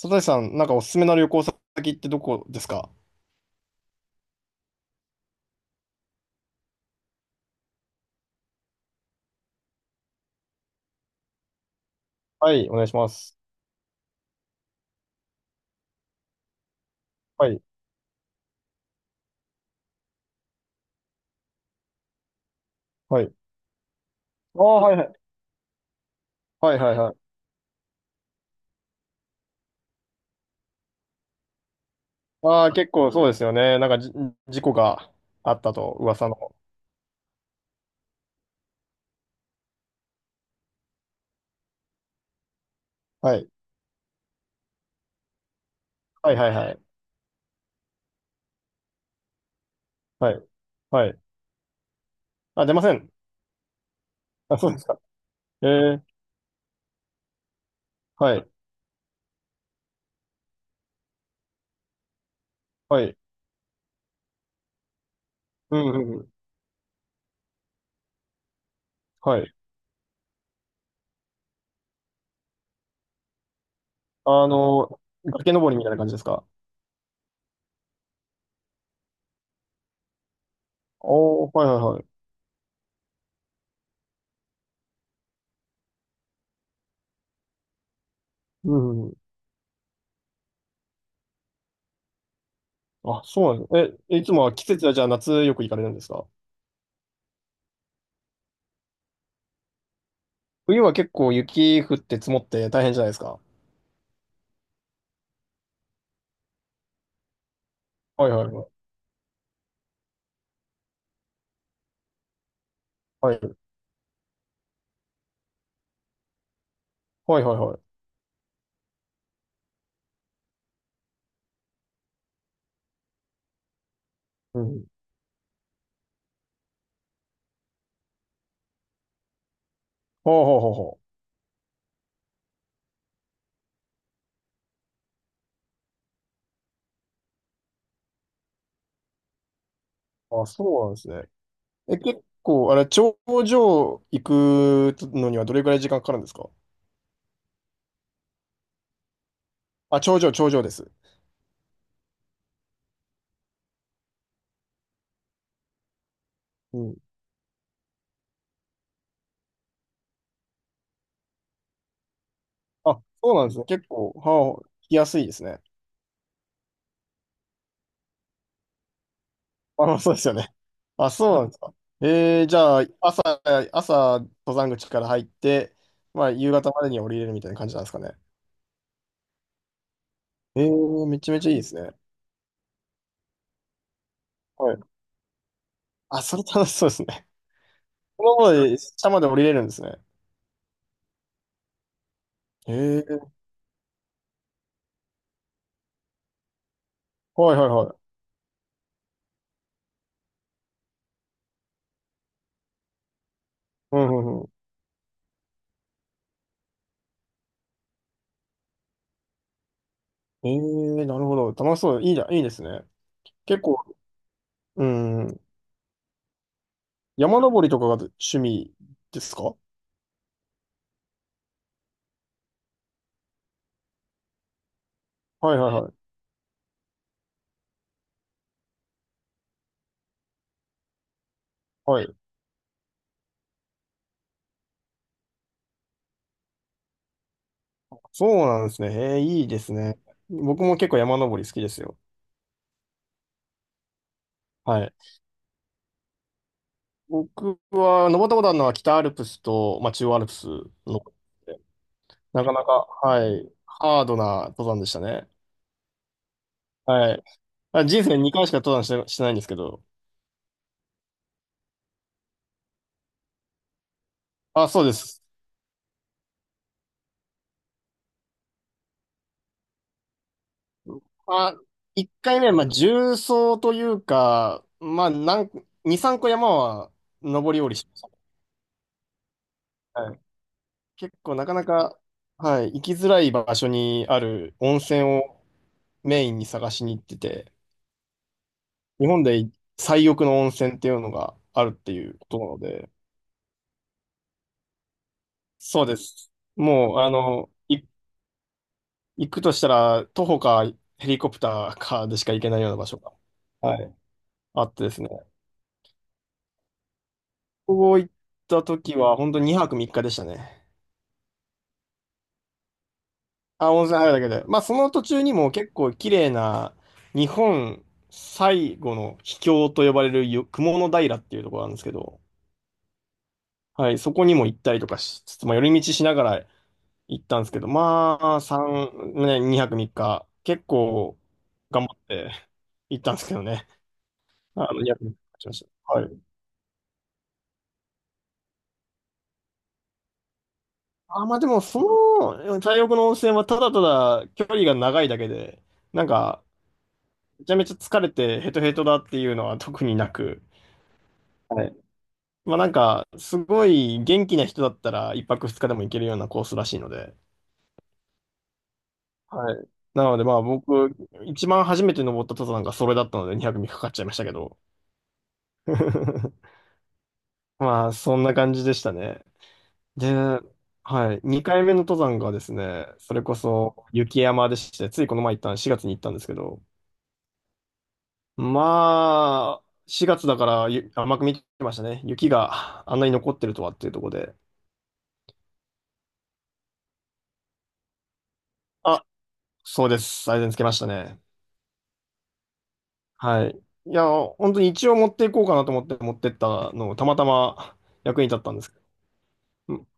佐藤さん、なんかおすすめの旅行先ってどこですか？はい、お願いします。はい、はい。ああ、はい、はい。はい、はい、はい。ああ、結構そうですよね。なんか事故があったと、噂の。はい、はい、はい、はい。はい、はい。あ、出ません。あ、そうですか。ええ、はい、はい。うん、うん、うん。はい。あの、崖登りみたいな感じですか？おおー、はい、はい、はい。うん、うん。うん。あ、そうなんですね。え、いつもは季節はじゃあ夏よく行かれるんですか？冬は結構雪降って積もって大変じゃないですか？はいはいはい。はい。はいはいはい。うん。ほうほうほうほう。あ、そうなんですね。え、結構、あれ、頂上行くのにはどれくらい時間かかるんですか？あ、頂上、頂上です。うん。あ、そうなんですね。結構、はあ、来やすいですね。あ、そうですよね。あ、そうなんですか。じゃあ、朝、登山口から入って、まあ、夕方までには降りれるみたいな感じなんですかね。めちゃめちゃいいですね。はい。あ、それ楽しそうですね。そのままで、下まで降りれるんですね。えー、はいはいはい。うんうんうん。ええなるほど。楽しそう。いいじゃん。いいですね。結構、うん。山登りとかが趣味ですか？はいはいはい。はい。そうなんですね。ええいいですね。僕も結構山登り好きですよ。はい。僕は登ったことあるのは北アルプスと、まあ、中央アルプスの、なかなか、はい、ハードな登山でしたね。はい。あ、人生2回しか登山してないんですけど。あ、そうです。まあ、一回目は、まあ、重曹というか、まあ、二、三個山は登り降りしました。はい。結構なかなか、はい、行きづらい場所にある温泉をメインに探しに行ってて、日本で最奥の温泉っていうのがあるっていうことなので、そうです。もう、行くとしたら、徒歩かヘリコプターかでしか行けないような場所が、はい、あってですね。ここ行った時は、本当に2泊3日でしたね。あ、温泉入るだけで。まあ、その途中にも結構綺麗な、日本最後の秘境と呼ばれるよ雲の平っていうところなんですけど、はい、そこにも行ったりとかしつつ、まあ、寄り道しながら行ったんですけど、まあ、3、ね、2泊3日、結構頑張って行ったんですけどね。2泊3日しました。はい。あ、まあでも、太浴の温泉はただただ距離が長いだけで、なんか、めちゃめちゃ疲れてヘトヘトだっていうのは特になく、はいまあなんか、すごい元気な人だったら一泊二日でも行けるようなコースらしいので。はい。なのでまあ僕、一番初めて登った登山がそれだったので2泊ミクかかっちゃいましたけど。まあそんな感じでしたね。で、はい。2回目の登山がですね、それこそ雪山でして、ついこの前行った4月に行ったんですけど、まあ、4月だから甘く見てましたね。雪があんなに残ってるとはっていうところで。あ、そうです。最善つけましたね。はい。いや、本当に一応持っていこうかなと思って持ってったのをたまたま役に立ったんですけど。うん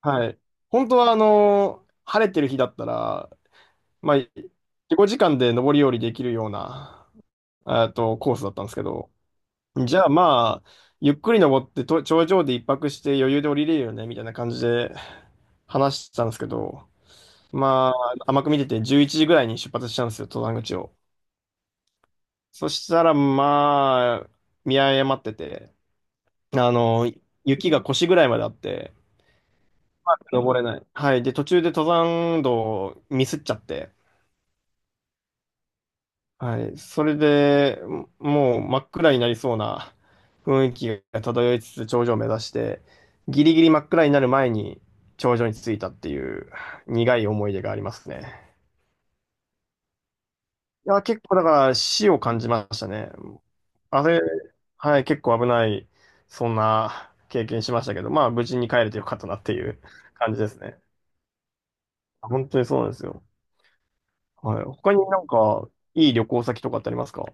はい。本当は、晴れてる日だったら、まあ、自己時間で上り下りできるような、コースだったんですけど、じゃあまあ、ゆっくり登ってと頂上で一泊して余裕で降りれるよね、みたいな感じで話してたんですけど、まあ、甘く見てて11時ぐらいに出発したんですよ、登山口を。そしたら、まあ、見誤ってて、あの、雪が腰ぐらいまであって、登れない。はい。で、途中で登山道をミスっちゃって、はい。それで、もう真っ暗になりそうな雰囲気が漂いつつ頂上を目指して、ギリギリ真っ暗になる前に頂上に着いたっていう苦い思い出がありますね。いや、結構だから死を感じましたね。あれ、はい、結構危ない、そんな経験しましたけど、まあ無事に帰れてよかったなっていう感じですね。本当にそうなんですよ。はい。他になんか、いい旅行先とかってありますか？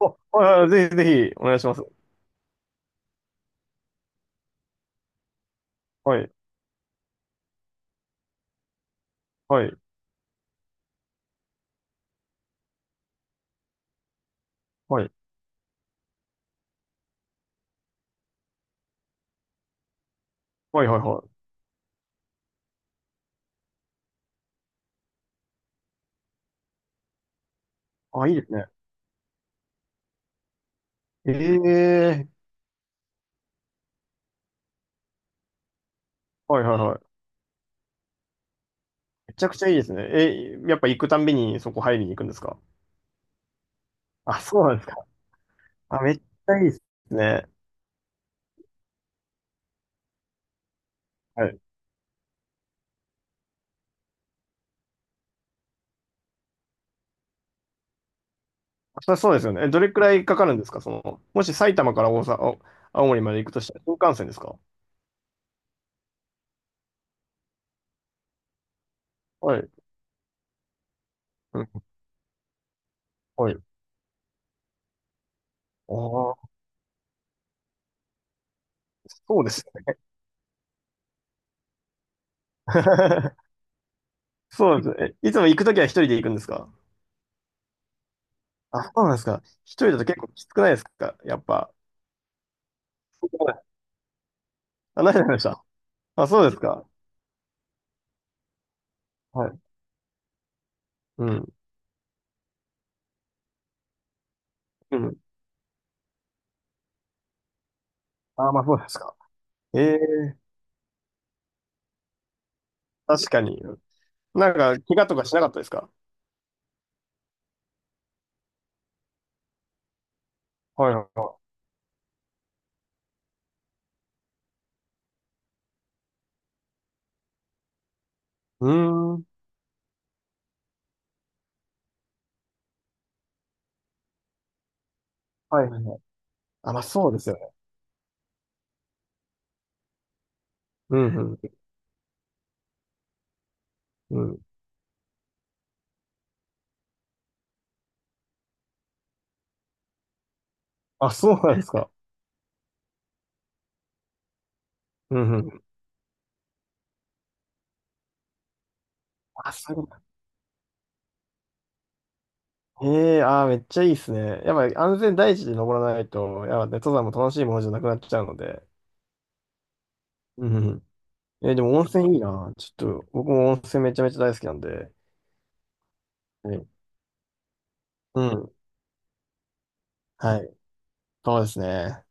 あ、はいはい、ぜひぜひ、お願いします。はい、はい、はい、はい、はい、はい。あ、いいですね。ええはい、はい、はい。めちゃくちゃいいですね。え、やっぱ行くたんびにそこ入りに行くんですか？あ、そうなんですか。あ、めっちゃいいですね。はい。そそうですよね。え、どれくらいかかるんですか？もし埼玉から大阪、青森まで行くとしたら新幹線ですか？はい。うん、はい。ああ、そうですね。そうなんですね。いつも行くときは一人で行くんですか？あ、そうなんですか。一人だと結構きつくないですかやっぱ。そない、あ、何でました？あ、そうですか。はい。うん。うん。あ、まあそうですか。ええ確かに。なんか、怪我とかしなかったですか？はいはいはい。うーん。はいはいはい。あ、まあそうですよね。うんうん。うん。あ、そうなんですか。うんうん。あ、そういうことか。ええあー、めっちゃいいですね。やっぱり安全第一で登らないと、やっぱね、登山も楽しいものじゃなくなっちゃうので。うんうん。え、でも温泉いいな。ちょっと、僕も温泉めちゃめちゃ大好きなんで。はいうん。はい。そうですね。